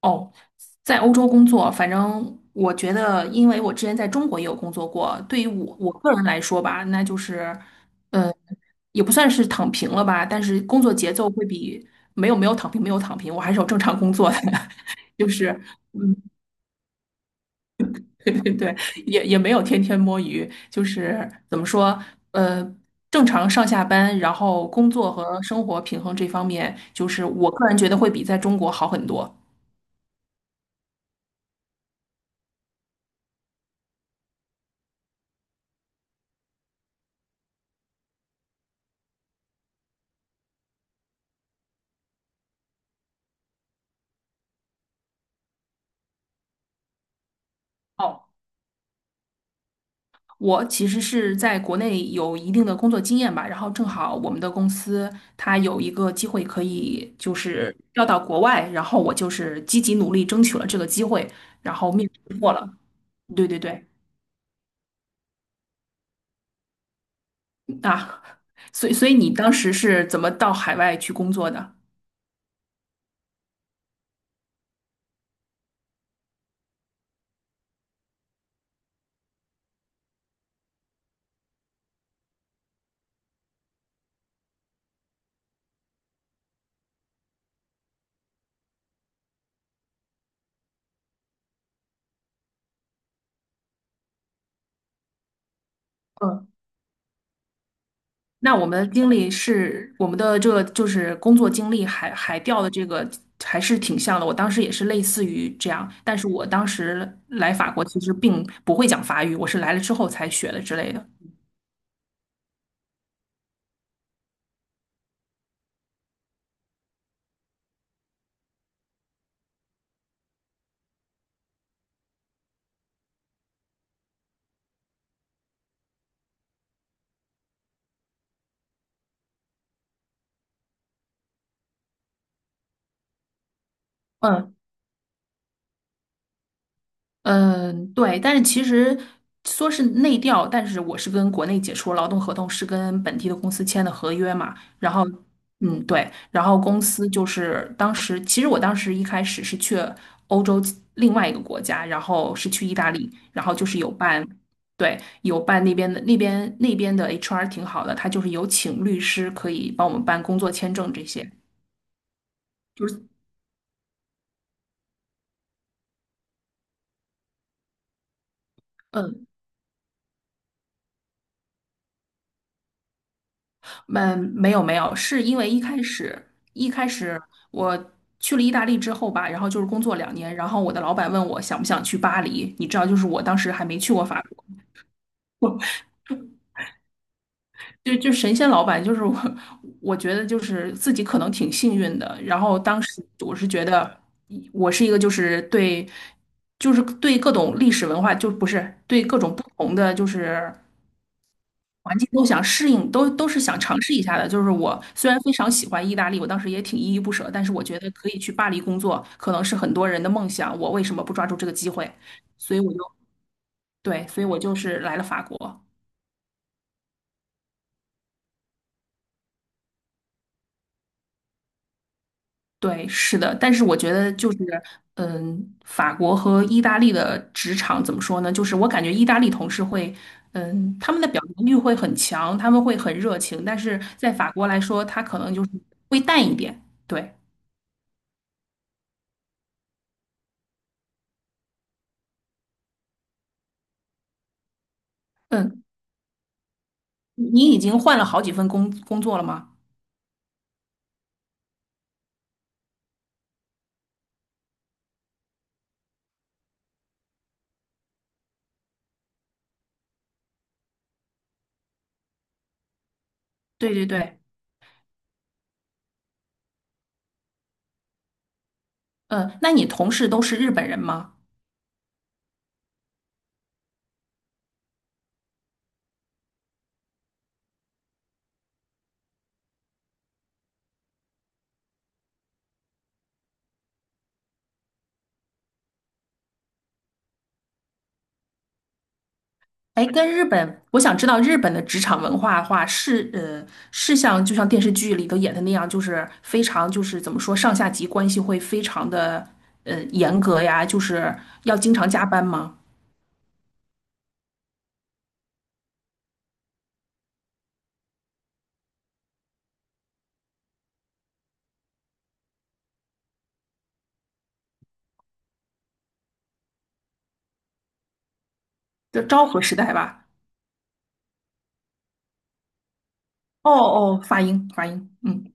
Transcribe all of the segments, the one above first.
哦，在欧洲工作，反正我觉得，因为我之前在中国也有工作过，对于我个人来说吧，那就是，呃，也不算是躺平了吧，但是工作节奏会比没有没有躺平没有躺平，我还是有正常工作的，就是，嗯，对对对，也没有天天摸鱼，就是怎么说，呃。正常上下班，然后工作和生活平衡这方面，就是我个人觉得会比在中国好很多。哦。我其实是在国内有一定的工作经验吧，然后正好我们的公司它有一个机会可以就是调到国外，然后我就是积极努力争取了这个机会，然后面试过了。对对对，啊，所以你当时是怎么到海外去工作的？嗯，那我们的经历是我们的这个就是工作经历海海钓的这个还是挺像的。我当时也是类似于这样，但是我当时来法国其实并不会讲法语，我是来了之后才学的之类的。嗯，嗯，对，但是其实说是内调，但是我是跟国内解除劳动合同，是跟本地的公司签的合约嘛。然后，嗯，对，然后公司就是当时，其实我当时一开始是去欧洲另外一个国家，然后是去意大利，然后就是有办，对，有办那边的 HR 挺好的，他就是有请律师可以帮我们办工作签证这些，就是嗯，没有没有，是因为一开始我去了意大利之后吧，然后就是工作2年，然后我的老板问我想不想去巴黎，你知道，就是我当时还没去过法国，就神仙老板，就是我，我觉得就是自己可能挺幸运的，然后当时我是觉得我是一个就是对，就是对各种历史文化，就不是对各种不同的就是。环境都想适应，都是想尝试一下的。就是我虽然非常喜欢意大利，我当时也挺依依不舍，但是我觉得可以去巴黎工作，可能是很多人的梦想，我为什么不抓住这个机会？所以我就对，所以我就是来了法国。对，是的，但是我觉得就是，嗯，法国和意大利的职场怎么说呢？就是我感觉意大利同事会，嗯，他们的表达欲会很强，他们会很热情，但是在法国来说，他可能就是会淡一点。对。嗯，你已经换了好几份工作了吗？对对对，那你同事都是日本人吗？哎，跟日本，我想知道日本的职场文化的话，是是像就像电视剧里头演的那样，就是非常就是怎么说上下级关系会非常的严格呀，就是要经常加班吗？就昭和时代吧？哦哦，发音发音，嗯，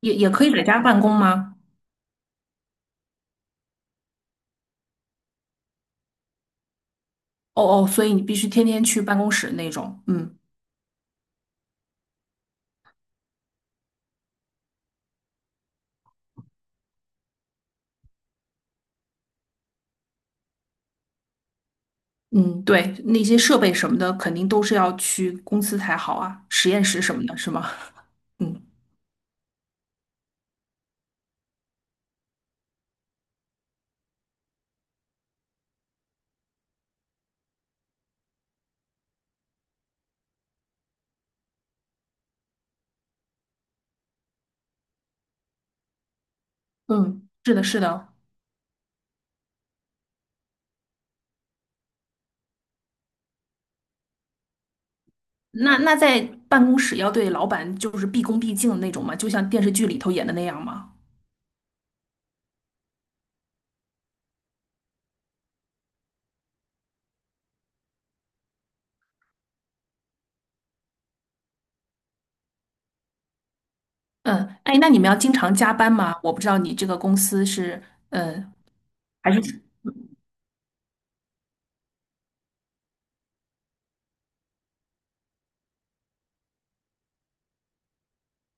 也可以在家办公吗？哦哦，所以你必须天天去办公室那种，嗯。嗯，对，那些设备什么的，肯定都是要去公司才好啊，实验室什么的，是吗？嗯嗯，是的，是的。那办公室要对老板就是毕恭毕敬的那种吗？就像电视剧里头演的那样吗？嗯，哎，那你们要经常加班吗？我不知道你这个公司是，嗯，还是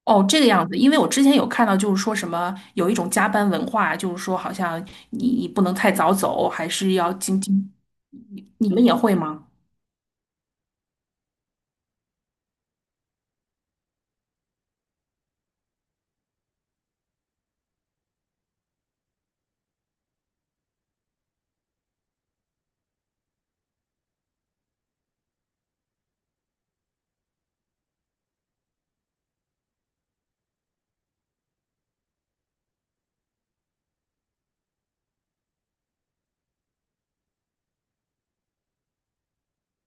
哦这个样子，因为我之前有看到就是说什么有一种加班文化，就是说好像你不能太早走，还是要经经，你们也会吗？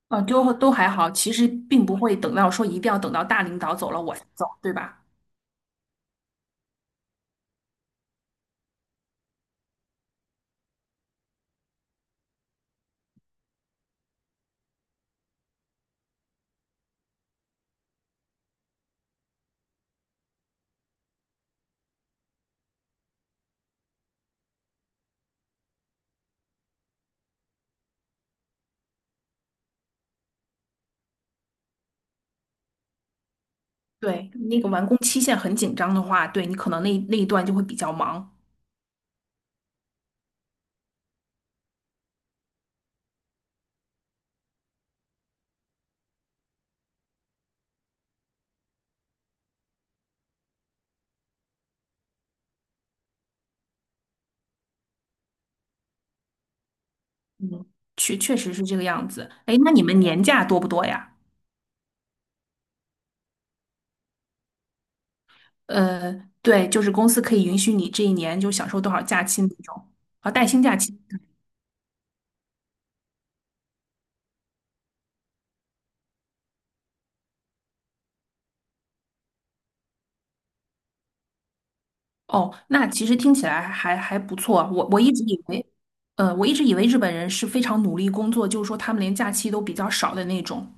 就都还好，其实并不会等到说一定要等到大领导走了我才走，对吧？对，那个完工期限很紧张的话，对你可能那一段就会比较忙。嗯，确实是这个样子。哎，那你们年假多不多呀？对，就是公司可以允许你这一年就享受多少假期那种，啊，带薪假期。哦，那其实听起来还不错啊。我一直以为，我一直以为日本人是非常努力工作，就是说他们连假期都比较少的那种。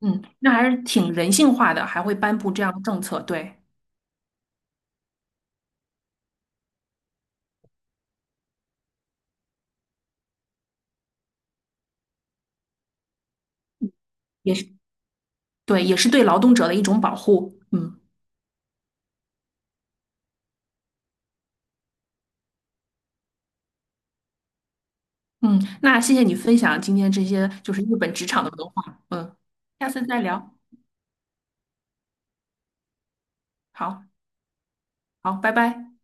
嗯，那还是挺人性化的，还会颁布这样的政策，对，也是对，也是对劳动者的一种保护。嗯嗯，那谢谢你分享今天这些就是日本职场的文化。嗯，下次再聊。好，好，拜拜。